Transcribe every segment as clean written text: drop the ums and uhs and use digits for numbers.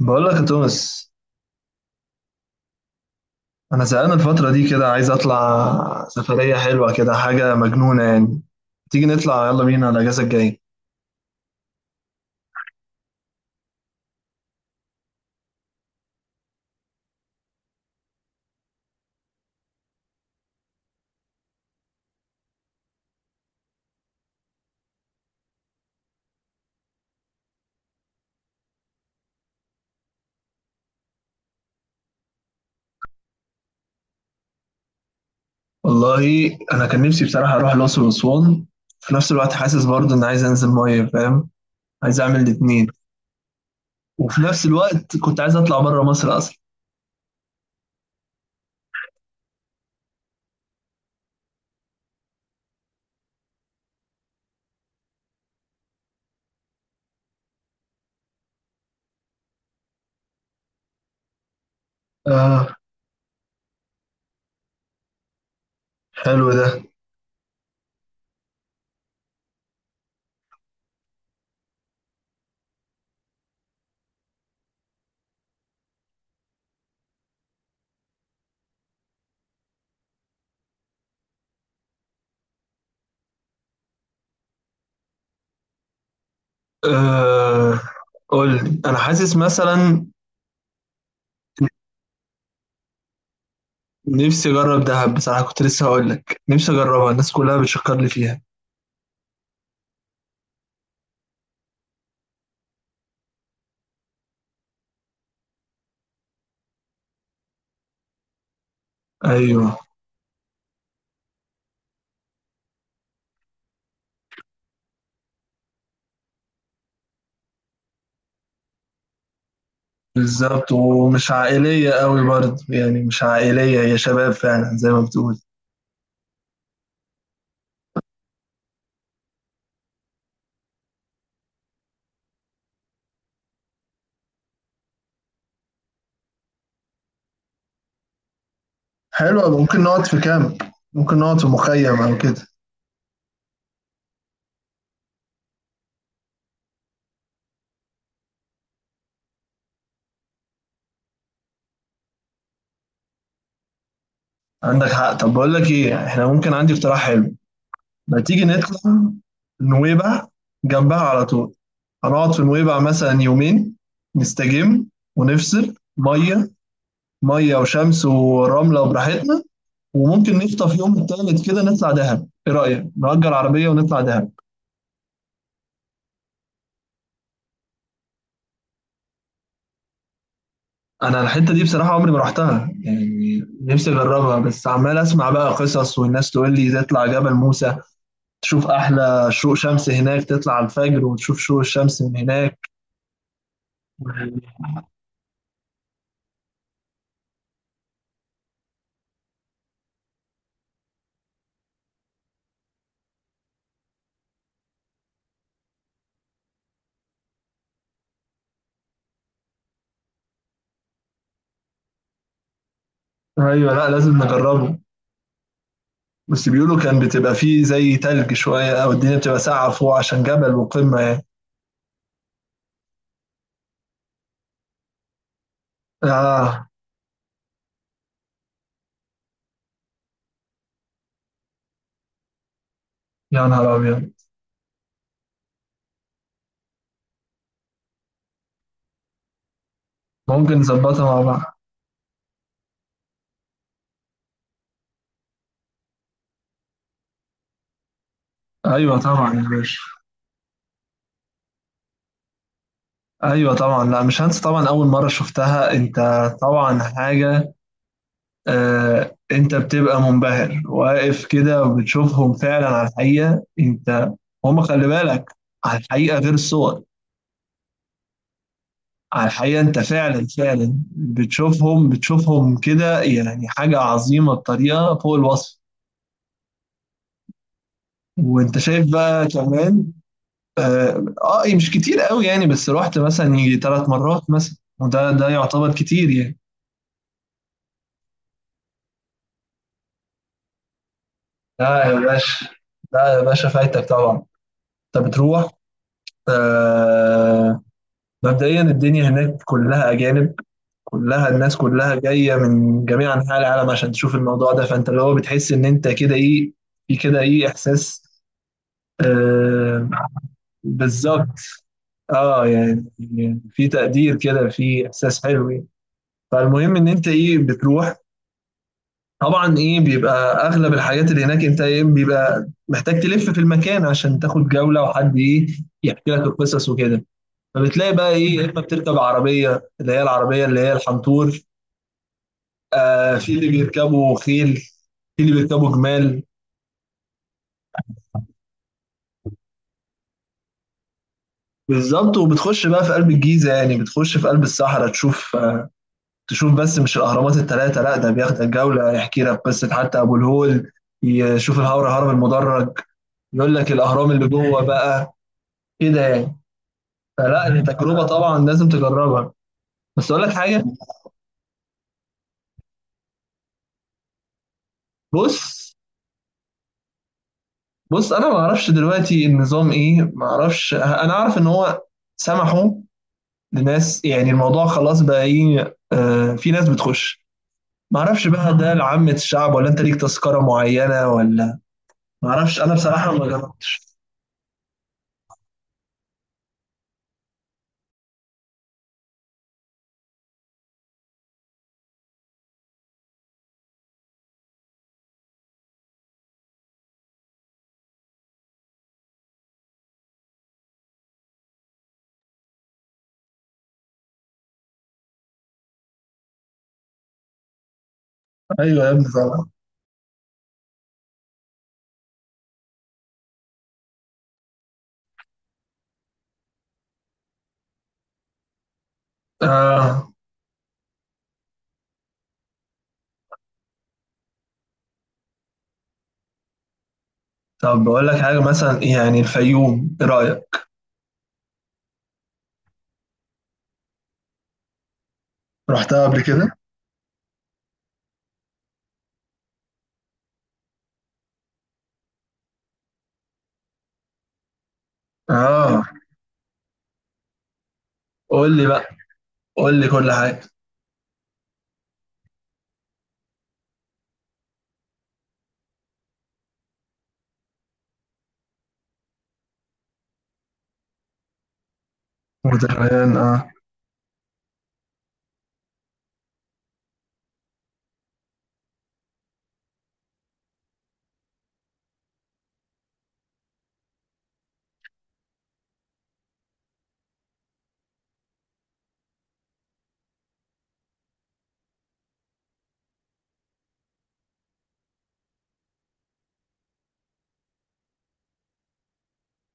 بقول لك يا توماس، انا زهقان الفتره دي كده. عايز اطلع سفريه حلوه كده، حاجه مجنونه يعني. تيجي نطلع، يلا بينا على الاجازه الجايه. والله انا كان نفسي بصراحه اروح الاقصر واسوان، في نفس الوقت حاسس برضه ان عايز انزل ميه، فاهم. عايز اعمل الاتنين. وفي نفس الوقت كنت عايز اطلع بره مصر اصلا. اه، حلو ده. آه، قول لي، انا حاسس مثلا. نفسي اجرب دهب بصراحه، كنت لسه هقول لك نفسي اجربها، الناس كلها بتشكر لي فيها. ايوه، بالظبط. ومش عائلية قوي برضه يعني، مش عائلية، هي شباب فعلا زي ما بتقول. حلو أوي. ممكن نقعد في كامب. ممكن نقعد في مخيم او كده. عندك حق. طب بقول لك ايه، احنا ممكن، عندي اقتراح حلو. ما تيجي نطلع نويبع، جنبها على طول. هنقعد في نويبع مثلا يومين، نستجم ونفصل مية. مية وشمس ورملة وبراحتنا. وممكن نخطف يوم التالت كده نطلع دهب. ايه رأيك نأجر عربية ونطلع دهب؟ انا الحته دي بصراحه عمري ما رحتها، يعني نفسي اجربها، بس عمال اسمع بقى قصص والناس تقول لي تطلع جبل موسى، تشوف احلى شروق شمس هناك، تطلع على الفجر وتشوف شروق الشمس من هناك. ايوه، لا لازم نجربه. بس بيقولوا كان بتبقى فيه زي تلج شويه، او الدنيا بتبقى ساقعه فوق عشان جبل وقمه يعني. اه، يا نهار ابيض. ممكن نظبطها مع بعض. ايوه طبعا يا باشا. ايوه طبعا، لا مش هنسى طبعا اول مره شفتها انت. طبعا حاجه. انت بتبقى منبهر واقف كده وبتشوفهم فعلا على الحقيقة انت. هم خلي بالك، على الحقيقة غير الصور. على الحقيقة انت فعلا فعلا بتشوفهم بتشوفهم كده، يعني حاجة عظيمة بطريقة فوق الوصف. وانت شايف بقى كمان. اه. مش كتير قوي يعني، بس رحت مثلا يجي 3 مرات مثلا، وده يعتبر كتير يعني. لا يا باشا، لا يا باشا فايتك طبعا، انت بتروح. آه، مبدئيا الدنيا هناك كلها أجانب، كلها الناس كلها جاية من جميع أنحاء العالم عشان تشوف الموضوع ده، فأنت اللي هو بتحس إن أنت كده إيه، في كده إيه إحساس. آه، بالظبط. اه، يعني في تقدير كده، في إحساس حلو يعني. فالمهم إن أنت إيه بتروح، طبعا إيه بيبقى أغلب الحاجات اللي هناك، أنت إيه بيبقى محتاج تلف في المكان عشان تاخد جولة وحد إيه يحكي لك القصص وكده. فبتلاقي بقى إيه، يا إما بتركب عربية اللي هي العربية اللي هي الحنطور، آه في اللي بيركبوا خيل، في اللي بيركبوا جمال. بالظبط. وبتخش بقى في قلب الجيزة، يعني بتخش في قلب الصحراء، تشوف آه، تشوف بس مش الأهرامات الثلاثة، لا ده بياخدك جولة يحكي لك قصة حتى أبو الهول، يشوف الهرم هرم المدرج، يقول لك الأهرام اللي جوه بقى كده يعني. فلا دي تجربة طبعا لازم تجربها. بس أقول لك حاجة. بص، بص أنا ما أعرفش دلوقتي النظام إيه، ما أعرفش. أنا أعرف إن هو سمحوا لناس، يعني الموضوع خلاص بقى ايه، آه في ناس بتخش. ما اعرفش بقى ده لعامة الشعب ولا انت ليك تذكرة معينة ولا. ما اعرفش انا بصراحة ما جربتش. ايوه يا ابني طبعا. اه، طب بقول لك حاجة مثلا، يعني الفيوم ايه رأيك؟ رحتها قبل كده. اه، قول لي بقى، قول لي كل حاجة. وتحيان اه.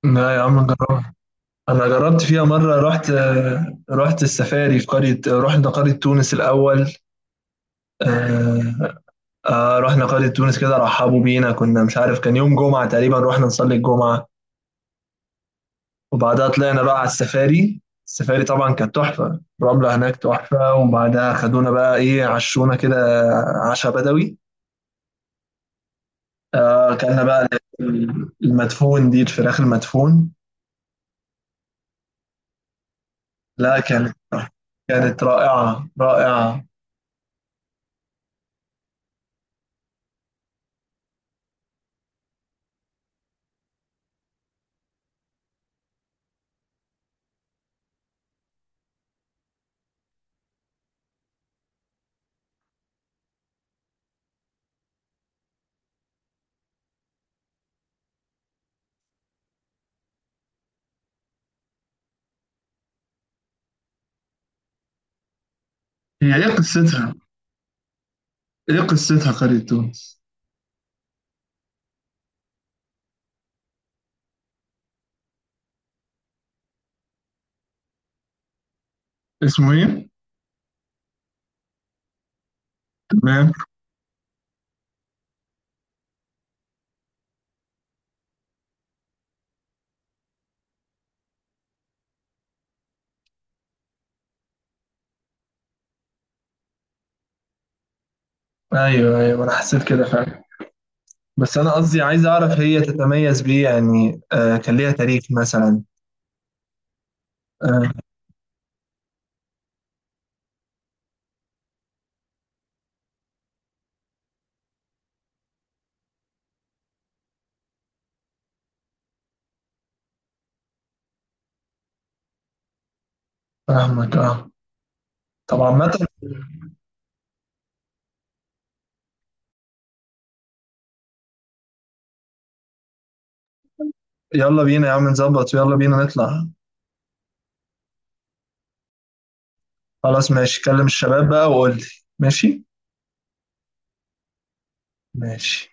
لا يا عم جربت. انا جربت فيها مرة، رحت السفاري في قرية، رحنا قرية تونس الاول. آه، آه رحنا قرية تونس كده، رحبوا بينا. كنا مش عارف كان يوم جمعة تقريبا، رحنا نصلي الجمعة وبعدها طلعنا بقى على السفاري. السفاري طبعا كانت تحفة، الرملة هناك تحفة، وبعدها خدونا بقى ايه، عشونا كده عشاء بدوي. آه كنا بقى المدفون دي، الفراخ المدفون. لا كانت رائعة رائعة. هي ايه قصتها؟ ايه قصتها قرية تونس؟ اسمه ايه؟ تمام. ايوه ايوه انا حسيت كده فعلا. بس أنا قصدي عايز أعرف هي تتميز بإيه يعني، آه كان ليها تاريخ مثلا. آه، فاهمك أه. طب عامة، يلا بينا يا عم نظبط، يلا بينا نطلع. خلاص ماشي، كلم الشباب بقى وقول لي. ماشي. ماشي.